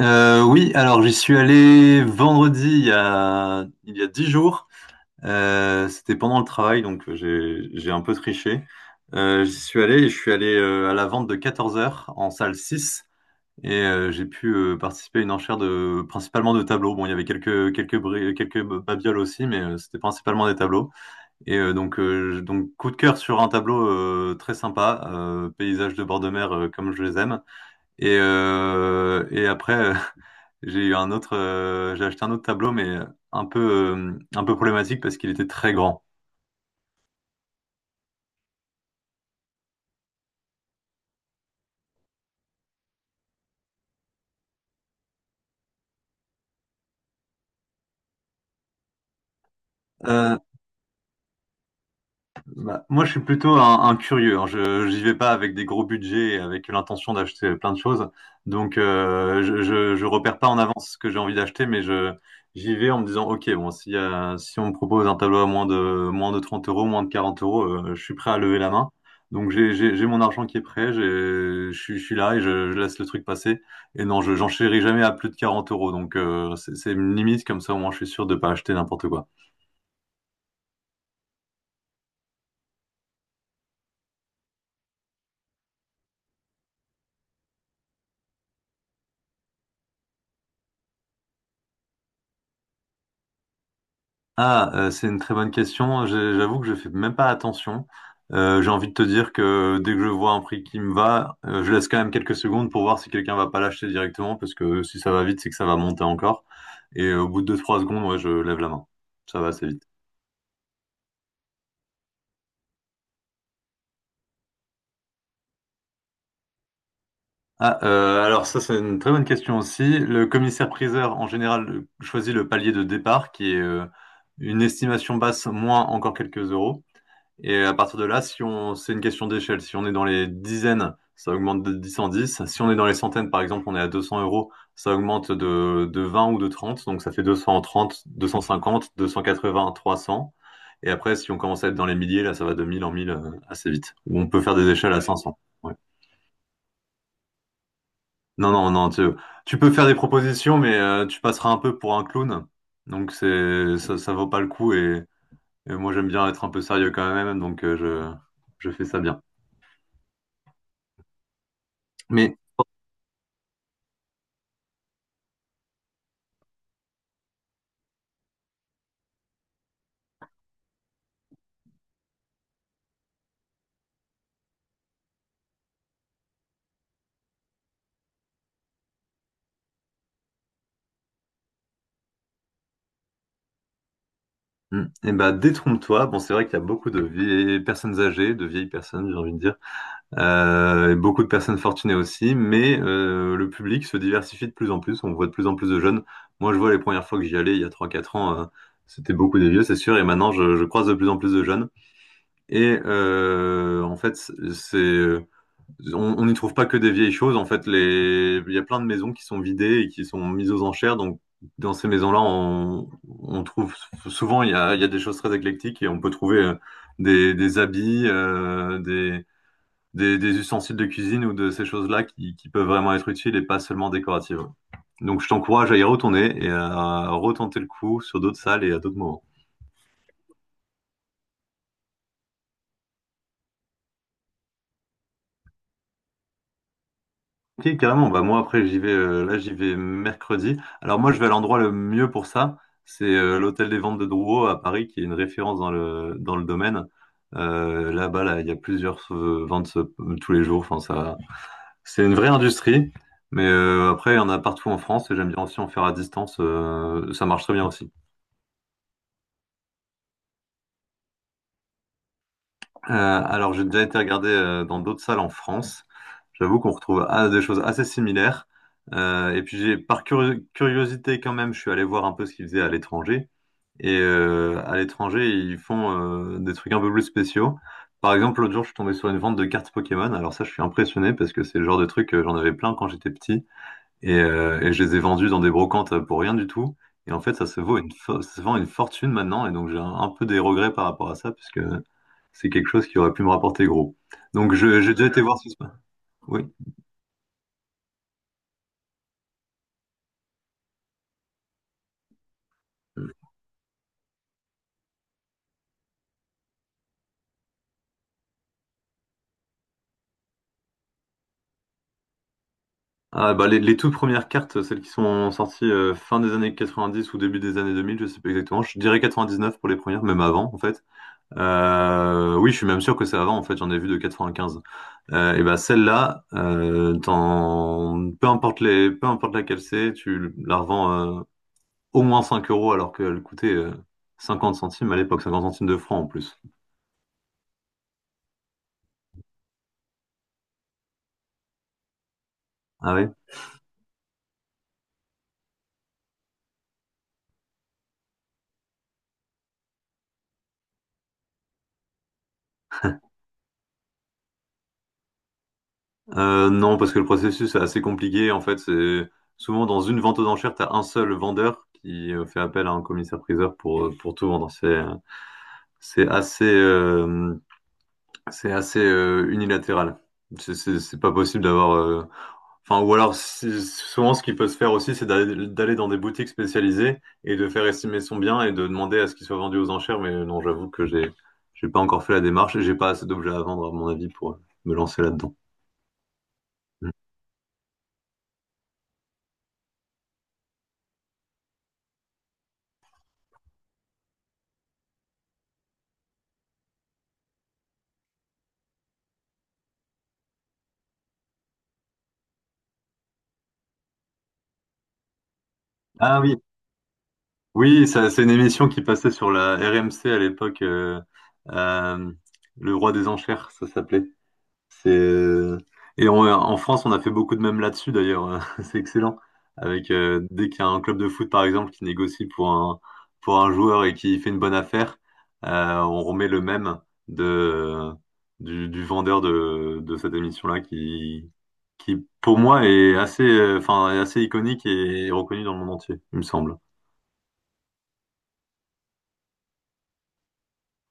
Oui, alors j'y suis allé vendredi il y a 10 jours. C'était pendant le travail, donc j'ai un peu triché. J'y suis allé et je suis allé à la vente de 14 heures en salle 6 et j'ai pu participer à une enchère de principalement de tableaux. Bon, il y avait quelques babioles aussi, mais c'était principalement des tableaux. Donc coup de cœur sur un tableau très sympa, paysage de bord de mer comme je les aime. Et après, j'ai acheté un autre tableau, mais un peu, un peu problématique parce qu'il était très grand. Euh, Bah, moi, je suis plutôt un curieux, hein. Je j'y vais pas avec des gros budgets et avec l'intention d'acheter plein de choses. Donc, je repère pas en avance ce que j'ai envie d'acheter, mais je j'y vais en me disant, ok, bon, si on me propose un tableau à moins de 30 euros, moins de 40 euros, je suis prêt à lever la main. Donc, j'ai mon argent qui est prêt. J'ai je suis là et je laisse le truc passer. Et non, je j'enchéris jamais à plus de 40 euros. Donc, c'est une limite comme ça. Au moins, je suis sûr de pas acheter n'importe quoi. Ah, c'est une très bonne question. J'avoue que je fais même pas attention. J'ai envie de te dire que dès que je vois un prix qui me va, je laisse quand même quelques secondes pour voir si quelqu'un va pas l'acheter directement, parce que si ça va vite, c'est que ça va monter encore. Et au bout de deux-trois secondes, ouais, je lève la main. Ça va, c'est vite. Ah, alors ça, c'est une très bonne question aussi. Le commissaire-priseur, en général, choisit le palier de départ, qui est une estimation basse moins encore quelques euros. Et à partir de là, si on, c'est une question d'échelle. Si on est dans les dizaines, ça augmente de 10 en 10. Si on est dans les centaines, par exemple, on est à 200 euros, ça augmente de 20 ou de 30. Donc ça fait 230, 250, 280, 300. Et après, si on commence à être dans les milliers, là, ça va de 1000 en 1000 assez vite. Ou on peut faire des échelles à 500. Non, non, non, tu peux faire des propositions, mais tu passeras un peu pour un clown. Donc c'est ça, ça vaut pas le coup et moi j'aime bien être un peu sérieux quand même, donc je fais ça bien. Mais et bah, détrompe-toi, bon c'est vrai qu'il y a beaucoup de vieilles personnes âgées, de vieilles personnes, j'ai envie de dire, et beaucoup de personnes fortunées aussi, mais le public se diversifie de plus en plus, on voit de plus en plus de jeunes. Moi je vois les premières fois que j'y allais il y a trois quatre ans, c'était beaucoup des vieux, c'est sûr, et maintenant je croise de plus en plus de jeunes. En fait, c'est on n'y trouve pas que des vieilles choses. En fait, les il y a plein de maisons qui sont vidées et qui sont mises aux enchères. Donc, dans ces maisons-là, on trouve souvent il y a des choses très éclectiques et on peut trouver des habits, des ustensiles de cuisine ou de ces choses-là qui peuvent vraiment être utiles et pas seulement décoratives. Donc, je t'encourage à y retourner et à retenter le coup sur d'autres salles et à d'autres moments. Ok, carrément. Bah moi après j'y vais là j'y vais mercredi. Alors moi je vais à l'endroit le mieux pour ça, c'est l'hôtel des ventes de Drouot à Paris qui est une référence dans le domaine. Là-bas là il y a plusieurs ventes tous les jours. Enfin ça c'est une vraie industrie, mais après il y en a partout en France et j'aime bien aussi en faire à distance. Ça marche très bien aussi. Alors, j'ai déjà été regardé dans d'autres salles en France. J'avoue qu'on retrouve, ah, des choses assez similaires. Et puis, j'ai, par curiosité quand même, je suis allé voir un peu ce qu'ils faisaient à l'étranger. À l'étranger, ils font des trucs un peu plus spéciaux. Par exemple, l'autre jour, je suis tombé sur une vente de cartes Pokémon. Alors ça, je suis impressionné parce que c'est le genre de truc que j'en avais plein quand j'étais petit. Et je les ai vendus dans des brocantes pour rien du tout. Et en fait, ça se vend une fortune maintenant. Et donc, j'ai un peu des regrets par rapport à ça, puisque c'est quelque chose qui aurait pu me rapporter gros. J'ai déjà été voir ce. Oui. Ah, bah, les toutes premières cartes, celles qui sont sorties fin des années 90 ou début des années 2000, je sais pas exactement. Je dirais 99 pour les premières, même avant en fait. Oui, je suis même sûr que c'est avant en fait. J'en ai vu de 95. Et bah celle-là, peu importe peu importe laquelle c'est, tu la revends au moins 5 euros alors qu'elle coûtait 50 centimes à l'époque, 50 centimes de francs en plus. Ah oui. Non, parce que le processus est assez compliqué. En fait, c'est souvent dans une vente aux enchères, tu as un seul vendeur qui fait appel à un commissaire-priseur pour tout vendre. C'est assez, euh, c'est assez unilatéral. C'est pas possible d'avoir. Enfin, ou alors, souvent, ce qui peut se faire aussi, c'est d'aller dans des boutiques spécialisées et de faire estimer son bien et de demander à ce qu'il soit vendu aux enchères. Mais non, j'avoue que j'ai pas encore fait la démarche et j'ai pas assez d'objets à vendre, à mon avis, pour me lancer là-dedans. Ah oui. Oui, ça, c'est une émission qui passait sur la RMC à l'époque, euh, Le Roi des Enchères, ça s'appelait. C'est euh, En France, on a fait beaucoup de mèmes là-dessus d'ailleurs. C'est excellent. Avec dès qu'il y a un club de foot par exemple qui négocie pour un joueur et qui fait une bonne affaire, on remet le mème de du vendeur de cette émission-là qui pour moi est assez enfin est assez iconique et reconnu dans le monde entier, il me semble.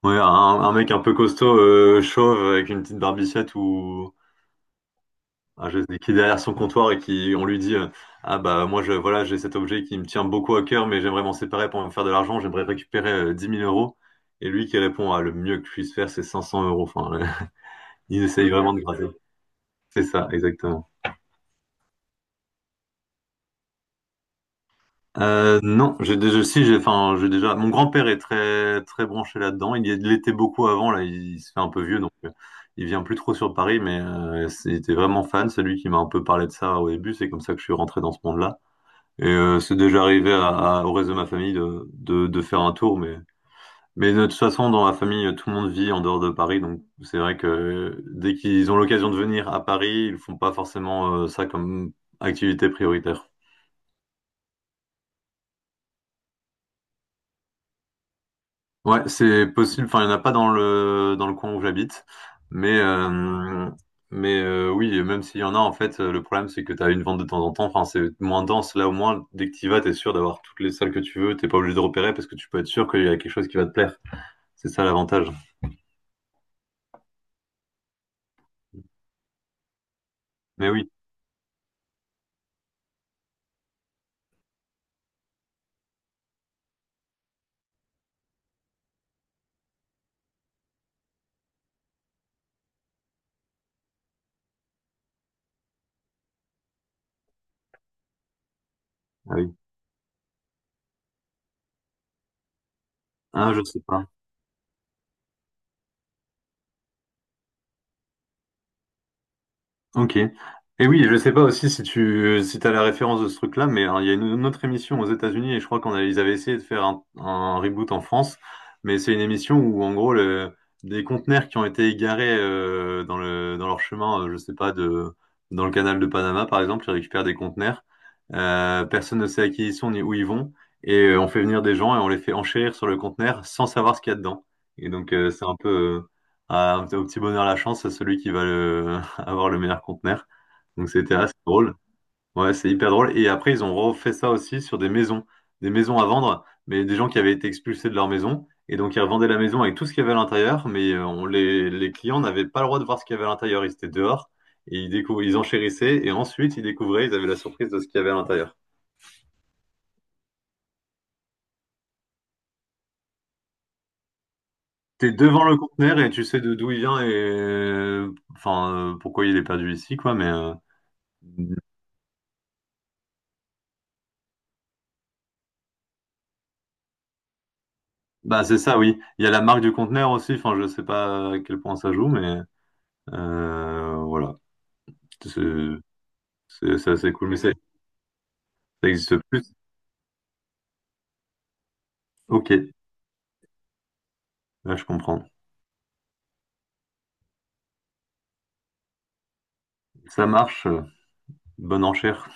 Ouais, un mec un peu costaud, chauve, avec une petite barbichette ou ah, je sais, qui est derrière son comptoir et qui on lui dit ah bah moi je voilà j'ai cet objet qui me tient beaucoup à cœur mais j'aimerais m'en séparer pour me faire de l'argent, j'aimerais récupérer 10 000 euros et lui qui répond, ah le mieux que je puisse faire c'est 500 euros. Enfin, il essaye vraiment de gratter. C'est ça, exactement. Non, j'ai déjà, si, j'ai, enfin, j'ai déjà. Mon grand-père est très, très branché là-dedans. Il l'était beaucoup avant. Là, se fait un peu vieux, donc il vient plus trop sur Paris. Mais il était vraiment fan. C'est lui qui m'a un peu parlé de ça au début. C'est comme ça que je suis rentré dans ce monde-là. C'est déjà arrivé au reste de ma famille de faire un tour. Mais de toute façon, dans ma famille, tout le monde vit en dehors de Paris. Donc c'est vrai que dès qu'ils ont l'occasion de venir à Paris, ils font pas forcément ça comme activité prioritaire. Ouais, c'est possible. Enfin, il n'y en a pas dans le coin où j'habite, mais euh, oui, et même s'il y en a, en fait, le problème c'est que tu as une vente de temps en temps. Enfin, c'est moins dense. Là, au moins, dès que tu vas, t'es sûr d'avoir toutes les salles que tu veux. T'es pas obligé de repérer parce que tu peux être sûr qu'il y a quelque chose qui va te plaire. C'est ça l'avantage. Mais oui, ah oui. Ah, je sais pas. Ok. Et oui, je sais pas aussi si t'as la référence de ce truc-là, mais hein, il y a une autre émission aux États-Unis et je crois ils avaient essayé de faire un reboot en France, mais c'est une émission où en gros des conteneurs qui ont été égarés dans leur chemin, je sais pas de dans le canal de Panama par exemple, ils récupèrent des conteneurs, personne ne sait à qui ils sont ni où ils vont et on fait venir des gens et on les fait enchérir sur le conteneur sans savoir ce qu'il y a dedans. Et donc c'est un peu au petit bonheur la chance, c'est celui qui va le avoir le meilleur conteneur. Donc c'était assez drôle. Ouais, c'est hyper drôle. Et après, ils ont refait ça aussi sur des maisons à vendre, mais des gens qui avaient été expulsés de leur maison. Et donc, ils revendaient la maison avec tout ce qu'il y avait à l'intérieur, mais les clients n'avaient pas le droit de voir ce qu'il y avait à l'intérieur. Ils étaient dehors et ils enchérissaient. Et ensuite, ils découvraient, ils avaient la surprise de ce qu'il y avait à l'intérieur. T'es devant le conteneur et tu sais de d'où il vient et enfin pourquoi il est perdu ici, quoi. Mais bah c'est ça, oui, il y a la marque du conteneur aussi, enfin je sais pas à quel point ça joue. Mais voilà, c'est c'est assez cool, mais ça existe plus. Ok, là je comprends. Ça marche, bonne enchère.